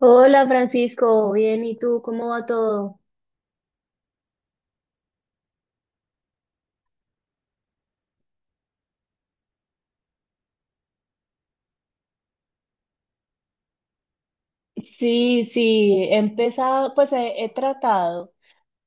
Hola Francisco, bien, ¿y tú cómo va todo? Sí, sí, he empezado, pues he tratado,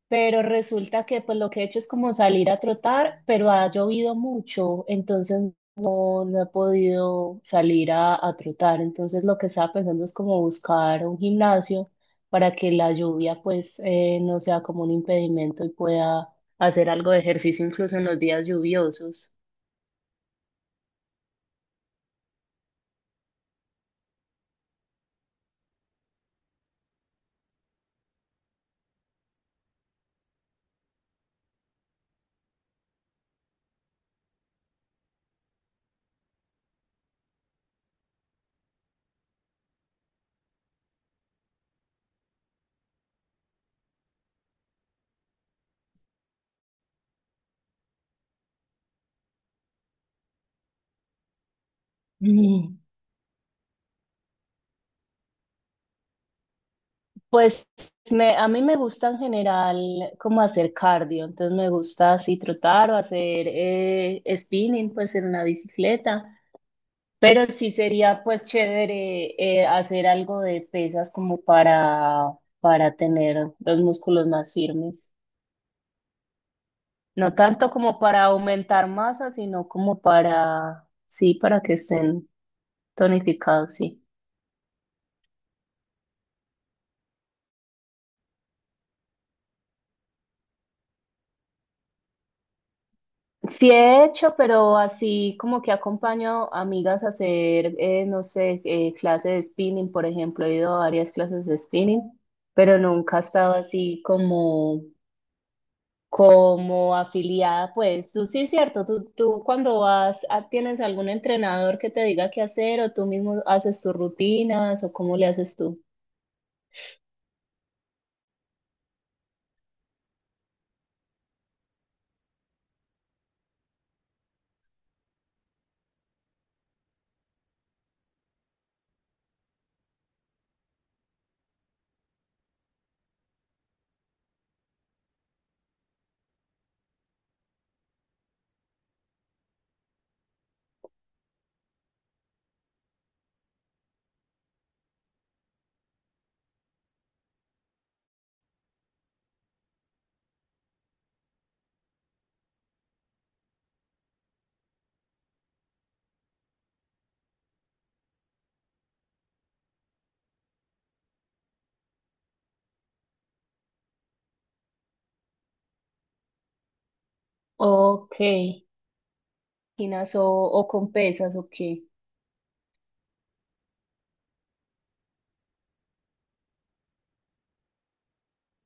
pero resulta que pues lo que he hecho es como salir a trotar, pero ha llovido mucho, entonces no, no he podido salir a trotar. Entonces lo que estaba pensando es como buscar un gimnasio para que la lluvia pues no sea como un impedimento y pueda hacer algo de ejercicio incluso en los días lluviosos. Mm. Pues a mí me gusta en general como hacer cardio, entonces me gusta así trotar o hacer spinning pues en una bicicleta, pero sí sería pues chévere hacer algo de pesas como para tener los músculos más firmes, no tanto como para aumentar masa, sino como para, sí, para que estén tonificados, sí. Sí he hecho, pero así como que acompaño a amigas a hacer, no sé, clases de spinning, por ejemplo, he ido a varias clases de spinning, pero nunca he estado así como, como afiliada, pues tú sí es cierto, tú cuando vas, ¿tienes algún entrenador que te diga qué hacer o tú mismo haces tus rutinas o cómo le haces tú? Ok, rutinas o con pesas o qué.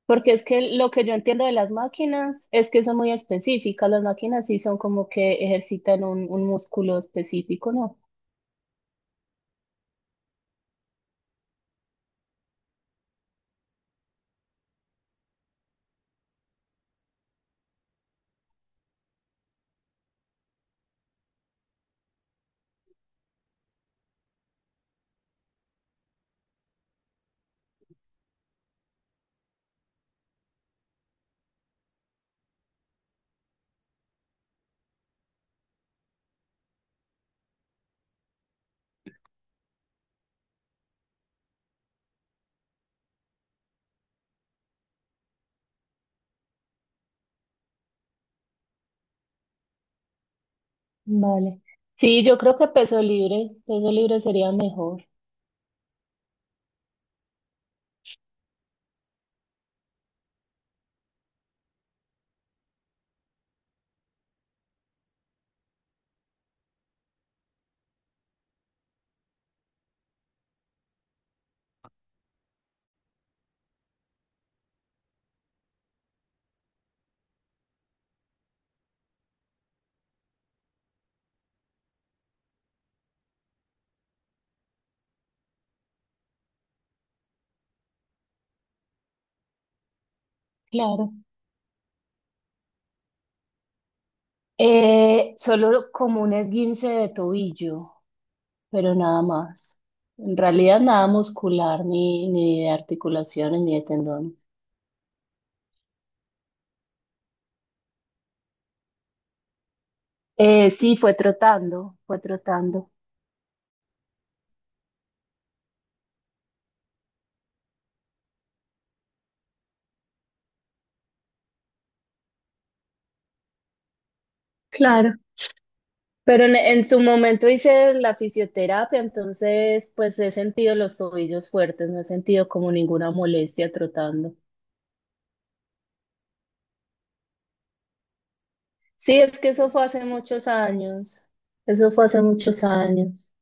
Porque es que lo que yo entiendo de las máquinas es que son muy específicas. Las máquinas sí son como que ejercitan un músculo específico, ¿no? Vale. Sí, yo creo que peso libre sería mejor, claro. Solo como un esguince de tobillo, pero nada más. En realidad nada muscular, ni de articulaciones, ni de tendones. Sí, fue trotando. Claro. Pero en su momento hice la fisioterapia, entonces pues he sentido los tobillos fuertes, no he sentido como ninguna molestia trotando. Sí, es que eso fue hace muchos años, eso fue hace muchos años,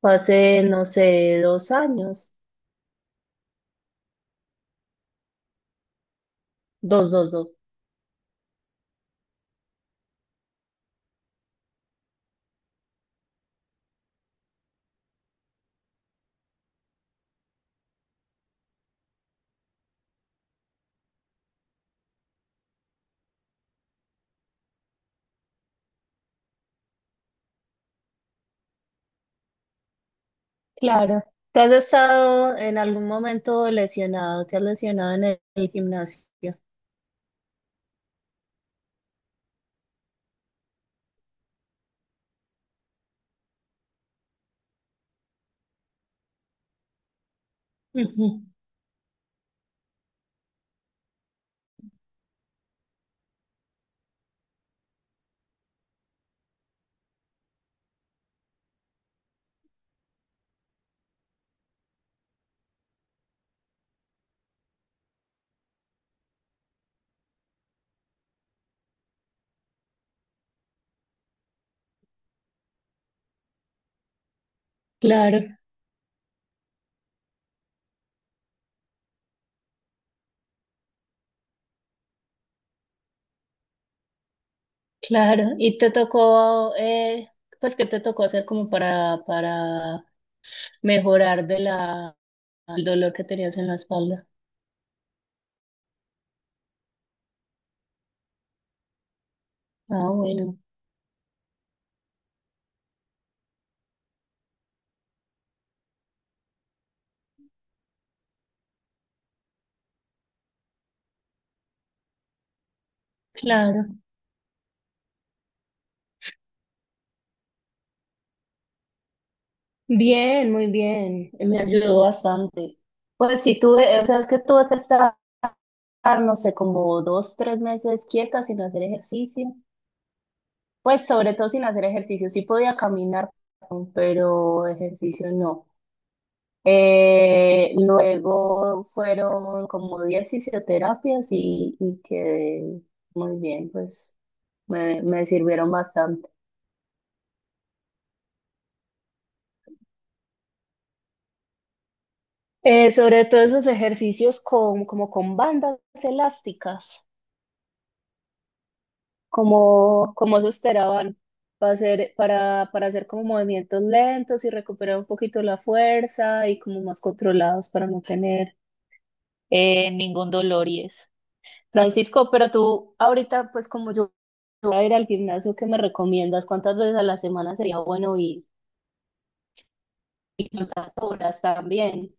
fue hace, no sé, dos años, dos, dos, dos. Claro. ¿Tú has estado en algún momento lesionado? ¿Te has lesionado en el gimnasio? Ujú. Claro, claro. ¿Y te tocó, pues qué te tocó hacer como para mejorar de la, el dolor que tenías en la espalda. Ah, bueno, claro. Bien, muy bien. Me ayudó bastante. Pues sí, tuve, o sea, es que tuve que estar, no sé, como dos, tres meses quieta sin hacer ejercicio. Pues sobre todo sin hacer ejercicio. Sí podía caminar, pero ejercicio no. Luego fueron como 10 fisioterapias y quedé muy bien, me sirvieron bastante. Sobre todo esos ejercicios con, como con bandas elásticas, como, como esos teraban, para hacer como movimientos lentos y recuperar un poquito la fuerza y como más controlados para no tener ningún dolor y eso. Francisco, pero tú ahorita, pues como yo voy a ir al gimnasio, ¿qué me recomiendas? ¿Cuántas veces a la semana sería bueno y cuántas horas también?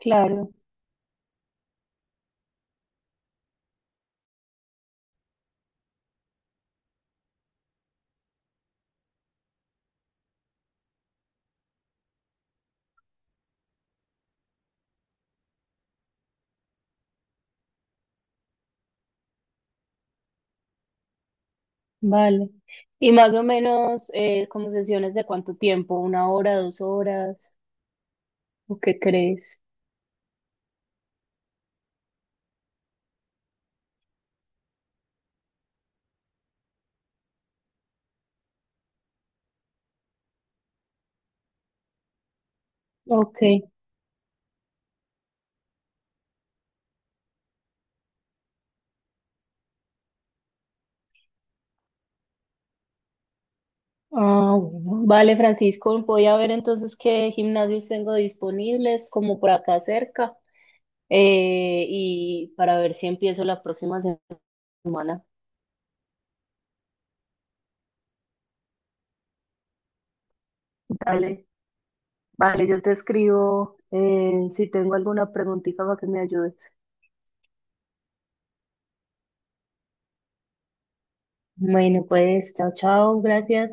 Claro. Vale. Y más o menos, como sesiones de cuánto tiempo, una hora, dos horas, ¿o qué crees? Ok. Ah, bueno. Vale, Francisco, voy a ver entonces qué gimnasios tengo disponibles, como por acá cerca, y para ver si empiezo la próxima semana. Vale, vale, yo te escribo si tengo alguna preguntita para que me ayudes. Bueno, pues, chao, chao, gracias.